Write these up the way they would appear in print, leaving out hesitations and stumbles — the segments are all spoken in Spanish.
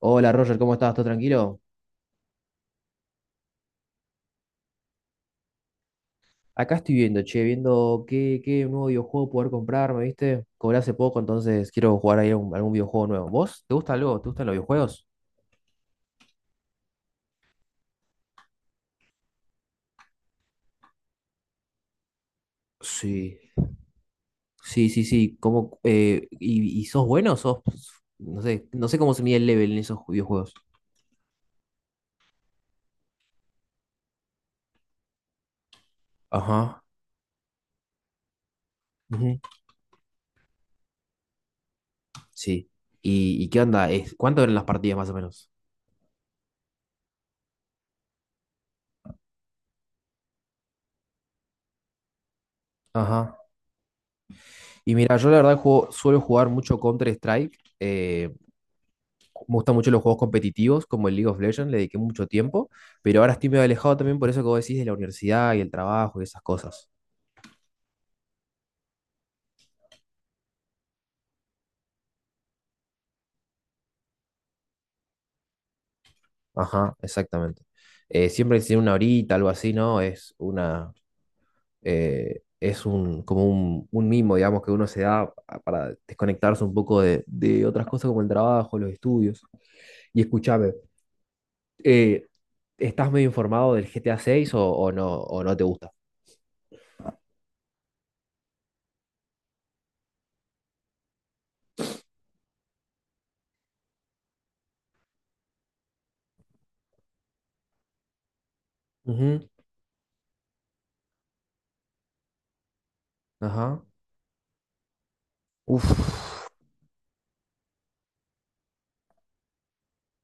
Hola Roger, ¿cómo estás? ¿Todo tranquilo? Acá estoy viendo, che, viendo qué nuevo videojuego poder comprarme, ¿viste? Cobré hace poco, entonces quiero jugar ahí algún videojuego nuevo. ¿Vos? ¿Te gusta algo? ¿Te gustan los videojuegos? Sí. Sí, sí, sí. ¿Y sos bueno o ¿Sos, no sé, no sé cómo se mide el level en esos videojuegos? Ajá. Ujú. Sí. ¿Y qué onda? ¿Cuánto eran las partidas más o menos? Ajá. Y mira, yo la verdad suelo jugar mucho Counter-Strike. Me gustan mucho los juegos competitivos, como el League of Legends, le dediqué mucho tiempo, pero ahora estoy medio alejado también por eso que vos decís de la universidad y el trabajo y esas cosas. Ajá, exactamente. Siempre que tiene una horita, algo así, ¿no? Es un mimo, digamos, que uno se da para desconectarse un poco de otras cosas como el trabajo, los estudios. Y escúchame, eh, ¿estás medio informado del GTA 6 o no te gusta? Ujú. Ajá. Uf.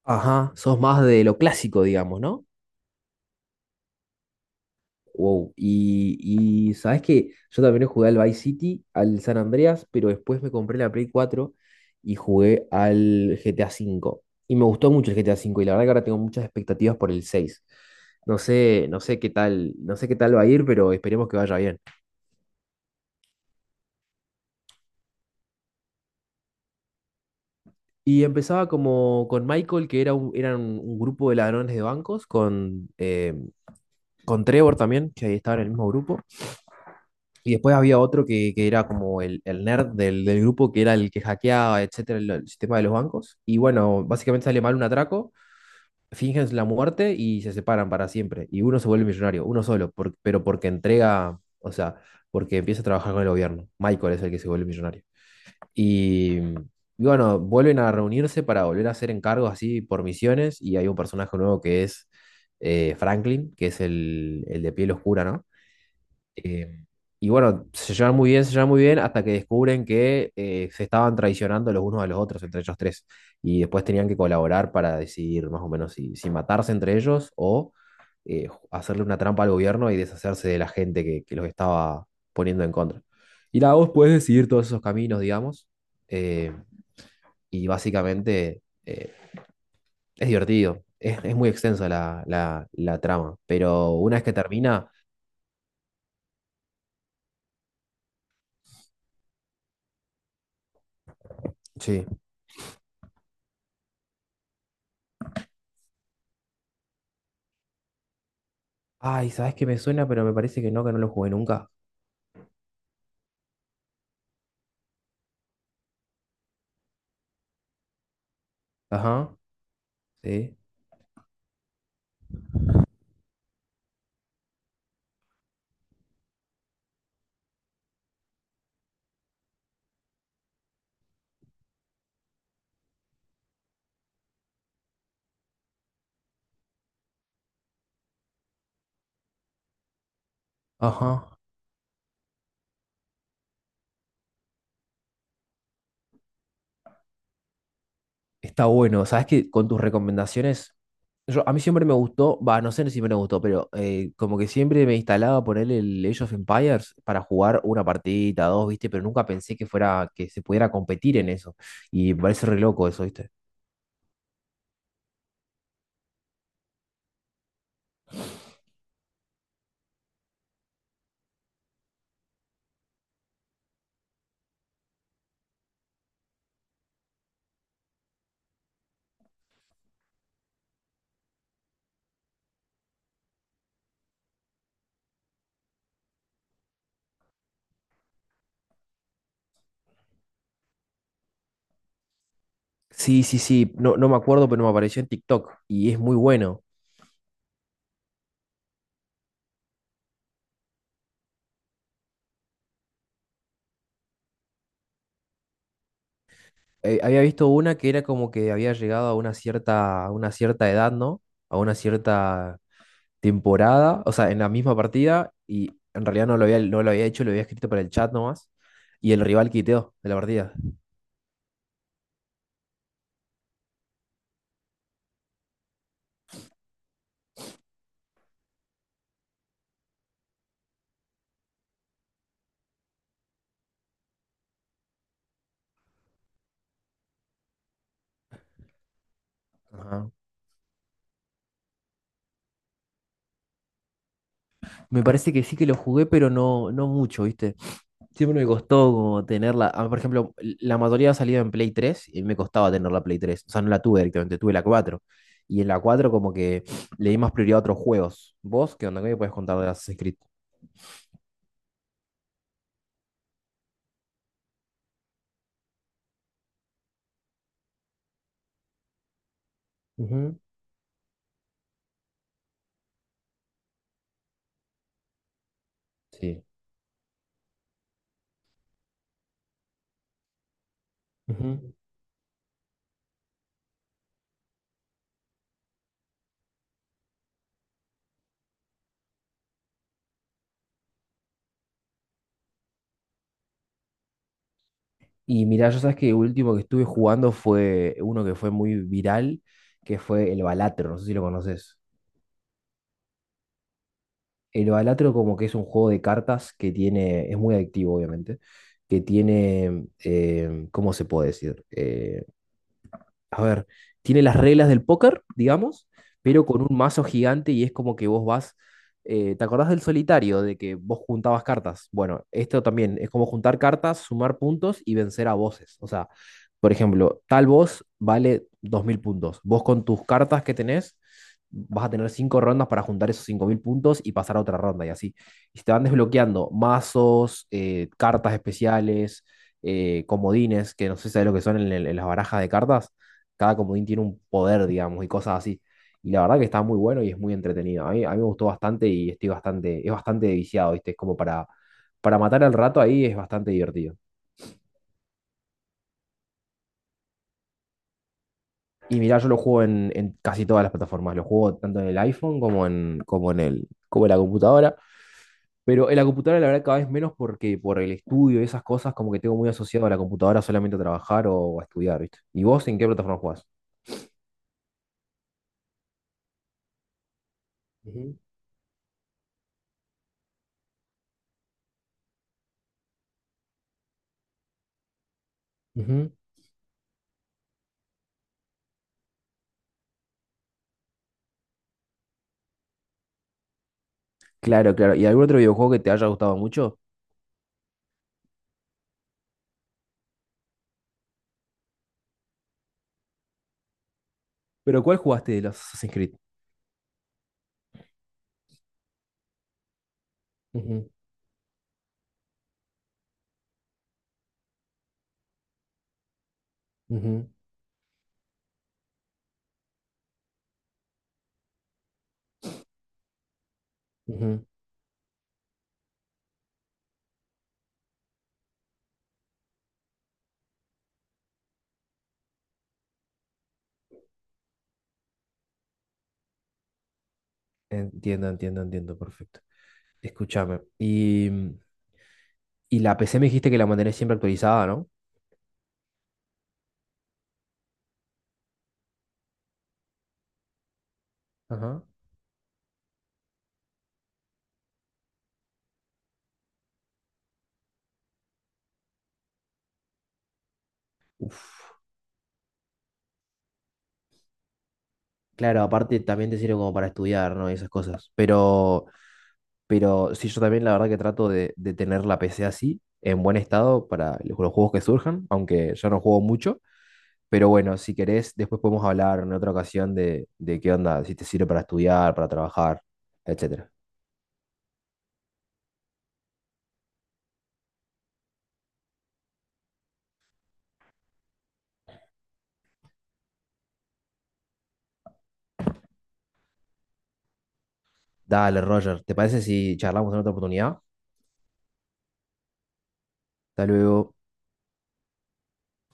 Ajá, sos más de lo clásico, digamos, ¿no? Wow. Y sabes que yo también jugué al Vice City, al San Andreas, pero después me compré la Play 4 y jugué al GTA V. Y me gustó mucho el GTA V y la verdad que ahora tengo muchas expectativas por el 6. No sé qué tal, va a ir, pero esperemos que vaya bien. Y empezaba como con Michael, que eran un grupo de ladrones de bancos, con Trevor también, que ahí estaba en el mismo grupo. Y después había otro que era como el nerd del grupo, que era el que hackeaba, etcétera, el sistema de los bancos. Y bueno, básicamente sale mal un atraco, fingen la muerte y se separan para siempre. Y uno se vuelve millonario, uno solo, pero porque entrega, o sea, porque empieza a trabajar con el gobierno. Michael es el que se vuelve millonario. Y bueno, vuelven a reunirse para volver a hacer encargos así por misiones. Y hay un personaje nuevo que es Franklin, que es el de piel oscura, ¿no? Eh, y bueno, se llevan muy bien, se llevan muy bien, hasta que descubren que se estaban traicionando los unos a los otros, entre ellos tres. Y después tenían que colaborar para decidir más o menos si matarse entre ellos o hacerle una trampa al gobierno y deshacerse de la gente que los estaba poniendo en contra. Y la voz puede decidir todos esos caminos, digamos. eh, y básicamente es divertido. Es muy extensa la trama. Pero una vez que termina, sí. Ay, ¿sabes qué me suena? Pero me parece que no lo jugué nunca. Ajá, sí, ajá. Está bueno. ¿Sabes qué? Con tus recomendaciones, yo, a mí siempre me gustó, va, no sé si me gustó, pero como que siempre me instalaba por él el Age of Empires para jugar una partidita, dos, ¿viste? Pero nunca pensé que fuera, que se pudiera competir en eso. Y me parece re loco eso, ¿viste? Sí, sí, sí, no, no me acuerdo, pero me apareció en TikTok y es muy bueno. Había visto una que era como que había llegado a una cierta, edad, ¿no? A una cierta temporada, o sea, en la misma partida, y en realidad no lo había hecho, lo había escrito para el chat nomás, y el rival quiteó de la partida. Ajá. Me parece que sí que lo jugué, pero no, no mucho, ¿viste? Siempre me costó como tenerla. Por ejemplo, la mayoría ha salido en Play 3 y me costaba tener la Play 3. O sea, no la tuve directamente, tuve la cuatro. Y en la 4 como que le di más prioridad a otros juegos. ¿Vos qué onda? ¿Qué me puedes contar de Assassin's Creed? Ujú. Sí. Ujú. Y mirá, yo sabes que último que estuve jugando fue uno que fue muy viral, que fue el Balatro, no sé si lo conoces. El Balatro como que es un juego de cartas es muy adictivo obviamente, ¿cómo se puede decir? A ver, tiene las reglas del póker, digamos, pero con un mazo gigante y es como que vos vas, ¿te acordás del solitario, de que vos juntabas cartas? Bueno, esto también es como juntar cartas, sumar puntos y vencer a voces. O sea, por ejemplo, tal voz vale 2000 puntos. Vos con tus cartas que tenés vas a tener cinco rondas para juntar esos 5000 puntos y pasar a otra ronda y así. Y se te van desbloqueando mazos, cartas especiales, comodines, que no sé si sabes lo que son en, en las barajas de cartas cada comodín tiene un poder, digamos, y cosas así. Y la verdad que está muy bueno y es muy entretenido. A mí me gustó bastante y estoy bastante, es bastante viciado, ¿viste? Es como para matar el rato ahí, es bastante divertido. Y mirá, yo lo juego en casi todas las plataformas. Lo juego tanto en el iPhone como como en la computadora. Pero en la computadora la verdad cada vez menos porque por el estudio y esas cosas como que tengo muy asociado a la computadora solamente a trabajar o a estudiar, ¿viste? ¿Y vos en qué plataforma jugás? Ujú, ujú. Claro, claro. ¿Y algún otro videojuego que te haya gustado mucho? Pero ¿cuál jugaste de los Assassin's Creed? Ujú, ujú, ujú. Entiendo, entiendo, entiendo, perfecto. Escúchame. Y la PC me dijiste que la mantenés siempre actualizada, ¿no? Ajá. Uf, claro, aparte también te sirve como para estudiar, ¿no? Y esas cosas. Pero sí, yo también la verdad que trato de tener la PC así, en buen estado, para los juegos que surjan, aunque yo no juego mucho. Pero bueno, si querés, después podemos hablar en otra ocasión de qué onda, si te sirve para estudiar, para trabajar, etcétera. Dale, Roger, ¿te parece si charlamos en otra oportunidad? Hasta luego.